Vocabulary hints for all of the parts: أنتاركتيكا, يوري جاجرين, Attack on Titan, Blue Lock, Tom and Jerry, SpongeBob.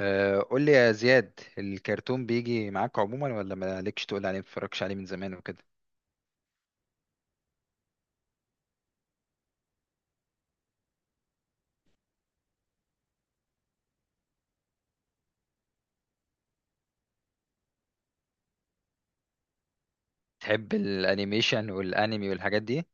قول لي يا زياد، الكرتون بيجي معاك عموما ولا مالكش؟ تقول عليه متفرجش عليه من زمان وكده. تحب الانيميشن والانمي والحاجات دي؟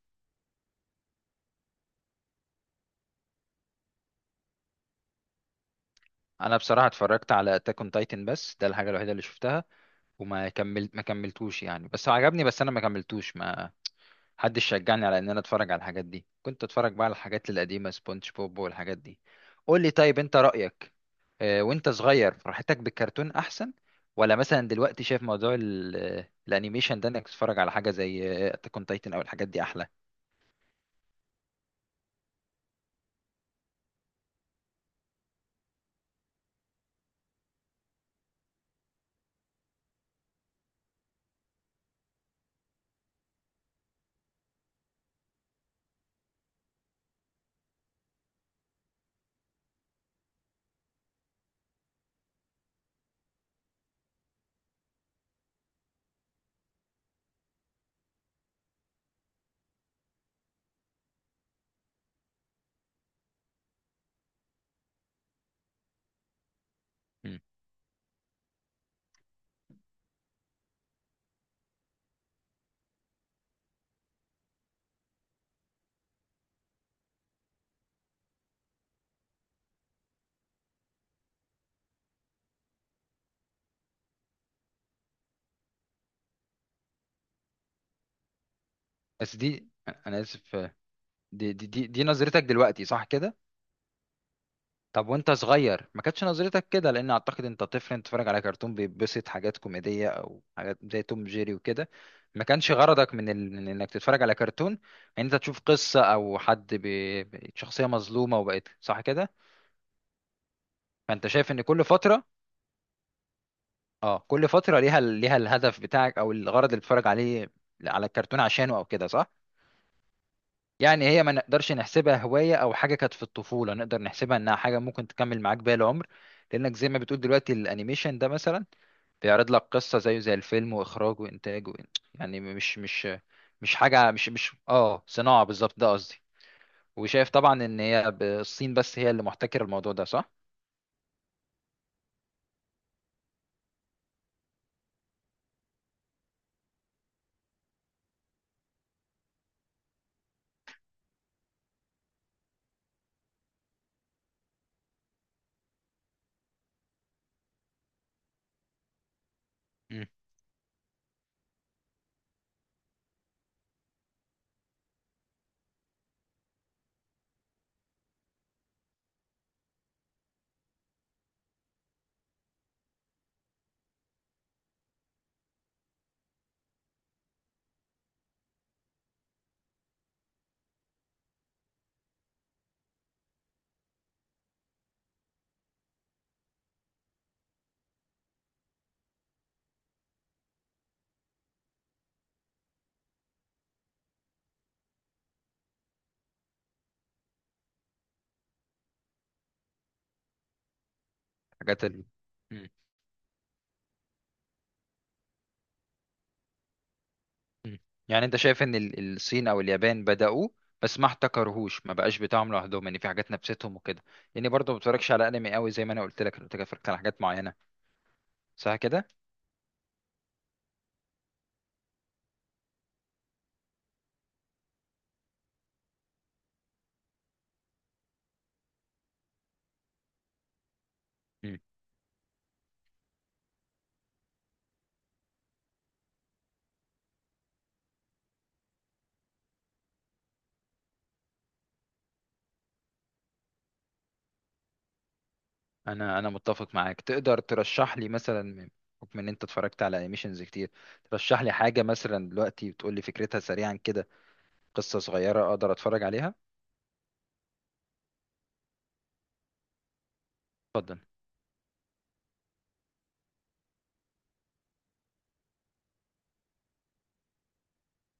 انا بصراحه اتفرجت على اتاك اون تايتن، بس ده الحاجه الوحيده اللي شفتها. وما كملت ما كملتوش يعني، بس هو عجبني، بس انا ما كملتوش. ما محدش شجعني على ان انا اتفرج على الحاجات دي. كنت اتفرج بقى على الحاجات القديمه، سبونج بوب والحاجات دي. قول لي، طيب انت رايك؟ وانت صغير فرحتك بالكرتون احسن، ولا مثلا دلوقتي شايف موضوع الانيميشن ده، انك تتفرج على حاجه زي اتاك اون تايتن او الحاجات دي احلى؟ مم. بس دي، انا اسف. دي نظرتك دلوقتي، صح كده؟ طب وانت صغير ما كانتش نظرتك كده، لان اعتقد انت طفل، انت بتتفرج على كرتون بيتبسط، حاجات كوميديه او حاجات زي توم جيري وكده. ما كانش غرضك من, ال... من انك تتفرج على كرتون ان انت تشوف قصه او حد شخصيه مظلومه وبقت، صح كده؟ فانت شايف ان كل فتره ليها الهدف بتاعك، او الغرض اللي بتتفرج عليه على الكرتون عشانه او كده، صح. يعني هي ما نقدرش نحسبها هوايه او حاجه كانت في الطفوله، نقدر نحسبها انها حاجه ممكن تكمل معاك باقي العمر. لانك زي ما بتقول دلوقتي الانيميشن ده مثلا بيعرض لك قصة زيه زي الفيلم وإخراجه وإنتاجه. يعني مش حاجة، مش مش اه صناعة بالظبط، ده قصدي. وشايف طبعا إن هي الصين بس هي اللي محتكرة الموضوع ده، صح؟ مم. حاجات ال... مم. مم. يعني أنت شايف إن الصين أو اليابان بدأوه، بس ما احتكرهوش، ما بقاش بتاعهم لوحدهم، يعني في حاجات نفستهم وكده. يعني برضه ما بتفرجش على أنمي قوي، زي ما أنا قلت لك أنا بتفرج على حاجات معينة. صح كده؟ انا متفق معاك. تقدر ترشح لي مثلا، بحكم ان انت اتفرجت على انيميشنز كتير، ترشح لي حاجه مثلا دلوقتي، بتقول لي فكرتها سريعا كده، قصه صغيره اقدر اتفرج عليها؟ اتفضل.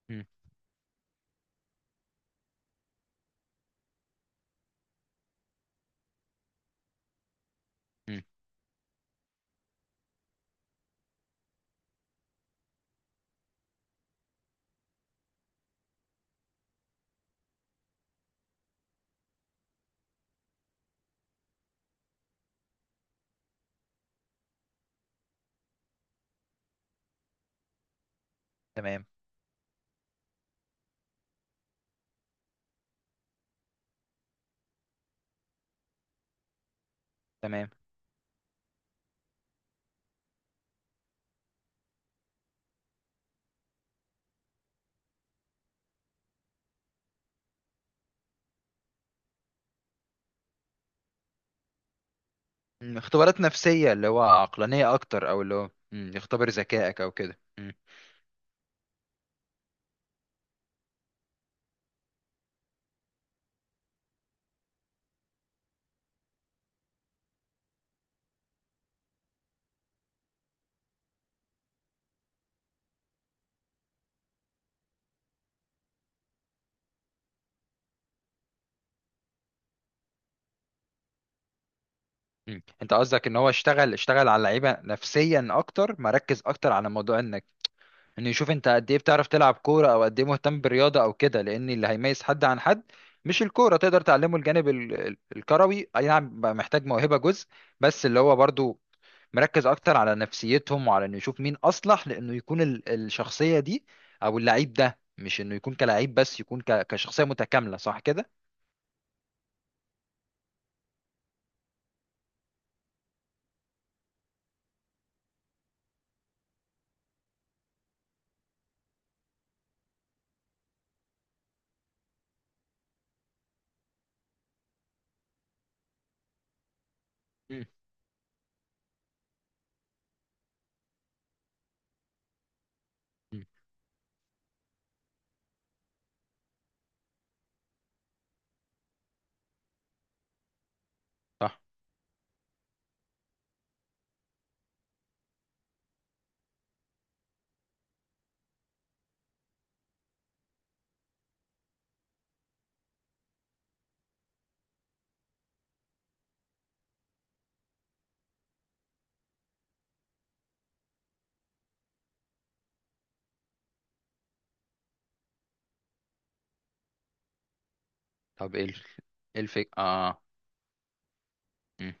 مم. مم. تمام، تمام. مم. اختبارات نفسيه، اللي هو عقلانيه اكتر، او اللي هو يختبر ذكائك او كده. مم. مم. انت قصدك ان هو اشتغل على اللعيبه نفسيا اكتر، مركز اكتر على موضوع ان يشوف انت قد ايه بتعرف تلعب كوره، او قد ايه مهتم بالرياضه او كده، لان اللي هيميز حد عن حد مش الكوره. تقدر تعلمه الجانب الكروي، اي نعم بقى محتاج موهبه جزء، بس اللي هو برضو مركز اكتر على نفسيتهم، وعلى انه يشوف مين اصلح لانه يكون الشخصيه دي، او اللعيب ده مش انه يكون كلاعب بس، يكون كشخصيه متكامله، صح كده؟ مم. مم. صح. طب ايه الفكرة؟ اه. مم.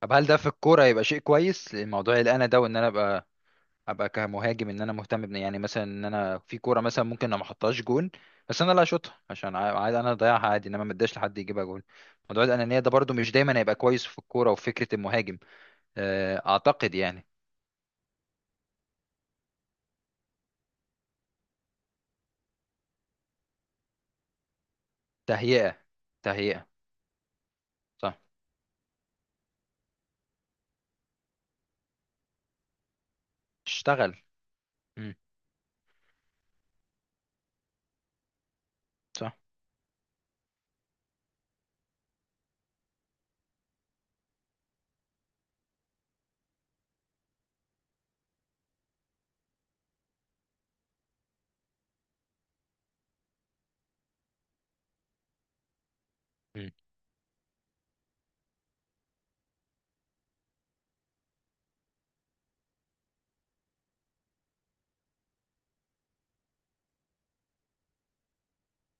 طب هل ده في الكوره يبقى شيء كويس، الموضوع اللي انا ده، وان انا ابقى كمهاجم، ان انا مهتم بن، يعني مثلا ان انا في كوره مثلا ممكن انا ما احطهاش جون، بس انا اللي اشوطها عشان عا- عايز انا اضيعها عادي، انما ما اداش لحد يجيبها جون. موضوع الانانيه ده برضو مش دايما هيبقى كويس في الكوره وفي فكره المهاجم، اعتقد يعني. تهيئه، تهيئه. صح. اشتغل. مم. صح،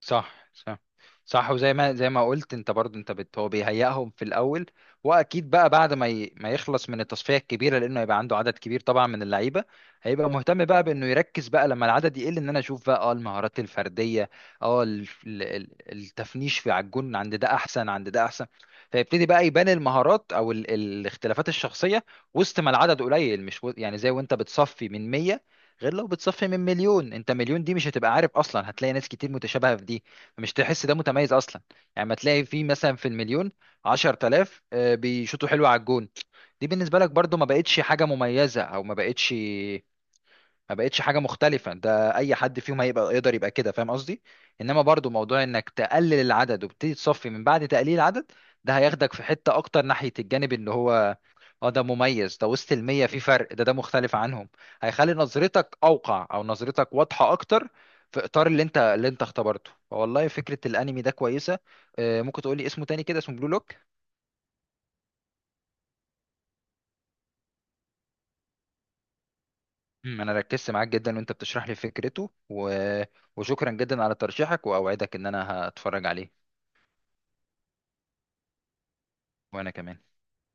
صح، صح، صح. وزي ما قلت انت برضو، انت بت هو بيهيئهم في الاول. واكيد بقى بعد ما يخلص من التصفيه الكبيره، لانه هيبقى عنده عدد كبير طبعا من اللعيبه، هيبقى مهتم بقى بانه يركز بقى لما العدد يقل، ان انا اشوف بقى اه المهارات الفرديه، اه التفنيش في على الجون، عند ده احسن، عند ده احسن، فيبتدي بقى يبان المهارات او الاختلافات الشخصيه وسط ما العدد قليل. مش و... يعني زي وانت بتصفي من 100، غير لو بتصفي من مليون. انت مليون دي مش هتبقى عارف، اصلا هتلاقي ناس كتير متشابهة في دي، مش تحس ده متميز اصلا. يعني ما تلاقي في مثلا في المليون 10,000 بيشوطوا حلو على الجون، دي بالنسبة لك برضو ما بقتش حاجة مميزة، او ما بقتش حاجة مختلفة، ده اي حد فيهم هيبقى يقدر يبقى كده، فاهم قصدي؟ انما برضو موضوع انك تقلل العدد وبتبتدي تصفي من بعد تقليل العدد، ده هياخدك في حتة اكتر ناحية الجانب اللي هو اه ده مميز، ده وسط المية في فرق، ده ده مختلف عنهم. هيخلي نظرتك أوقع أو نظرتك واضحة أكتر في إطار اللي أنت اختبرته. فوالله فكرة الأنمي ده كويسة. ممكن تقولي اسمه تاني كده؟ اسمه بلو لوك. مم، أنا ركزت معاك جدا وأنت بتشرح لي فكرته و... وشكرا جدا على ترشيحك، وأوعدك إن أنا هتفرج عليه. وأنا كمان.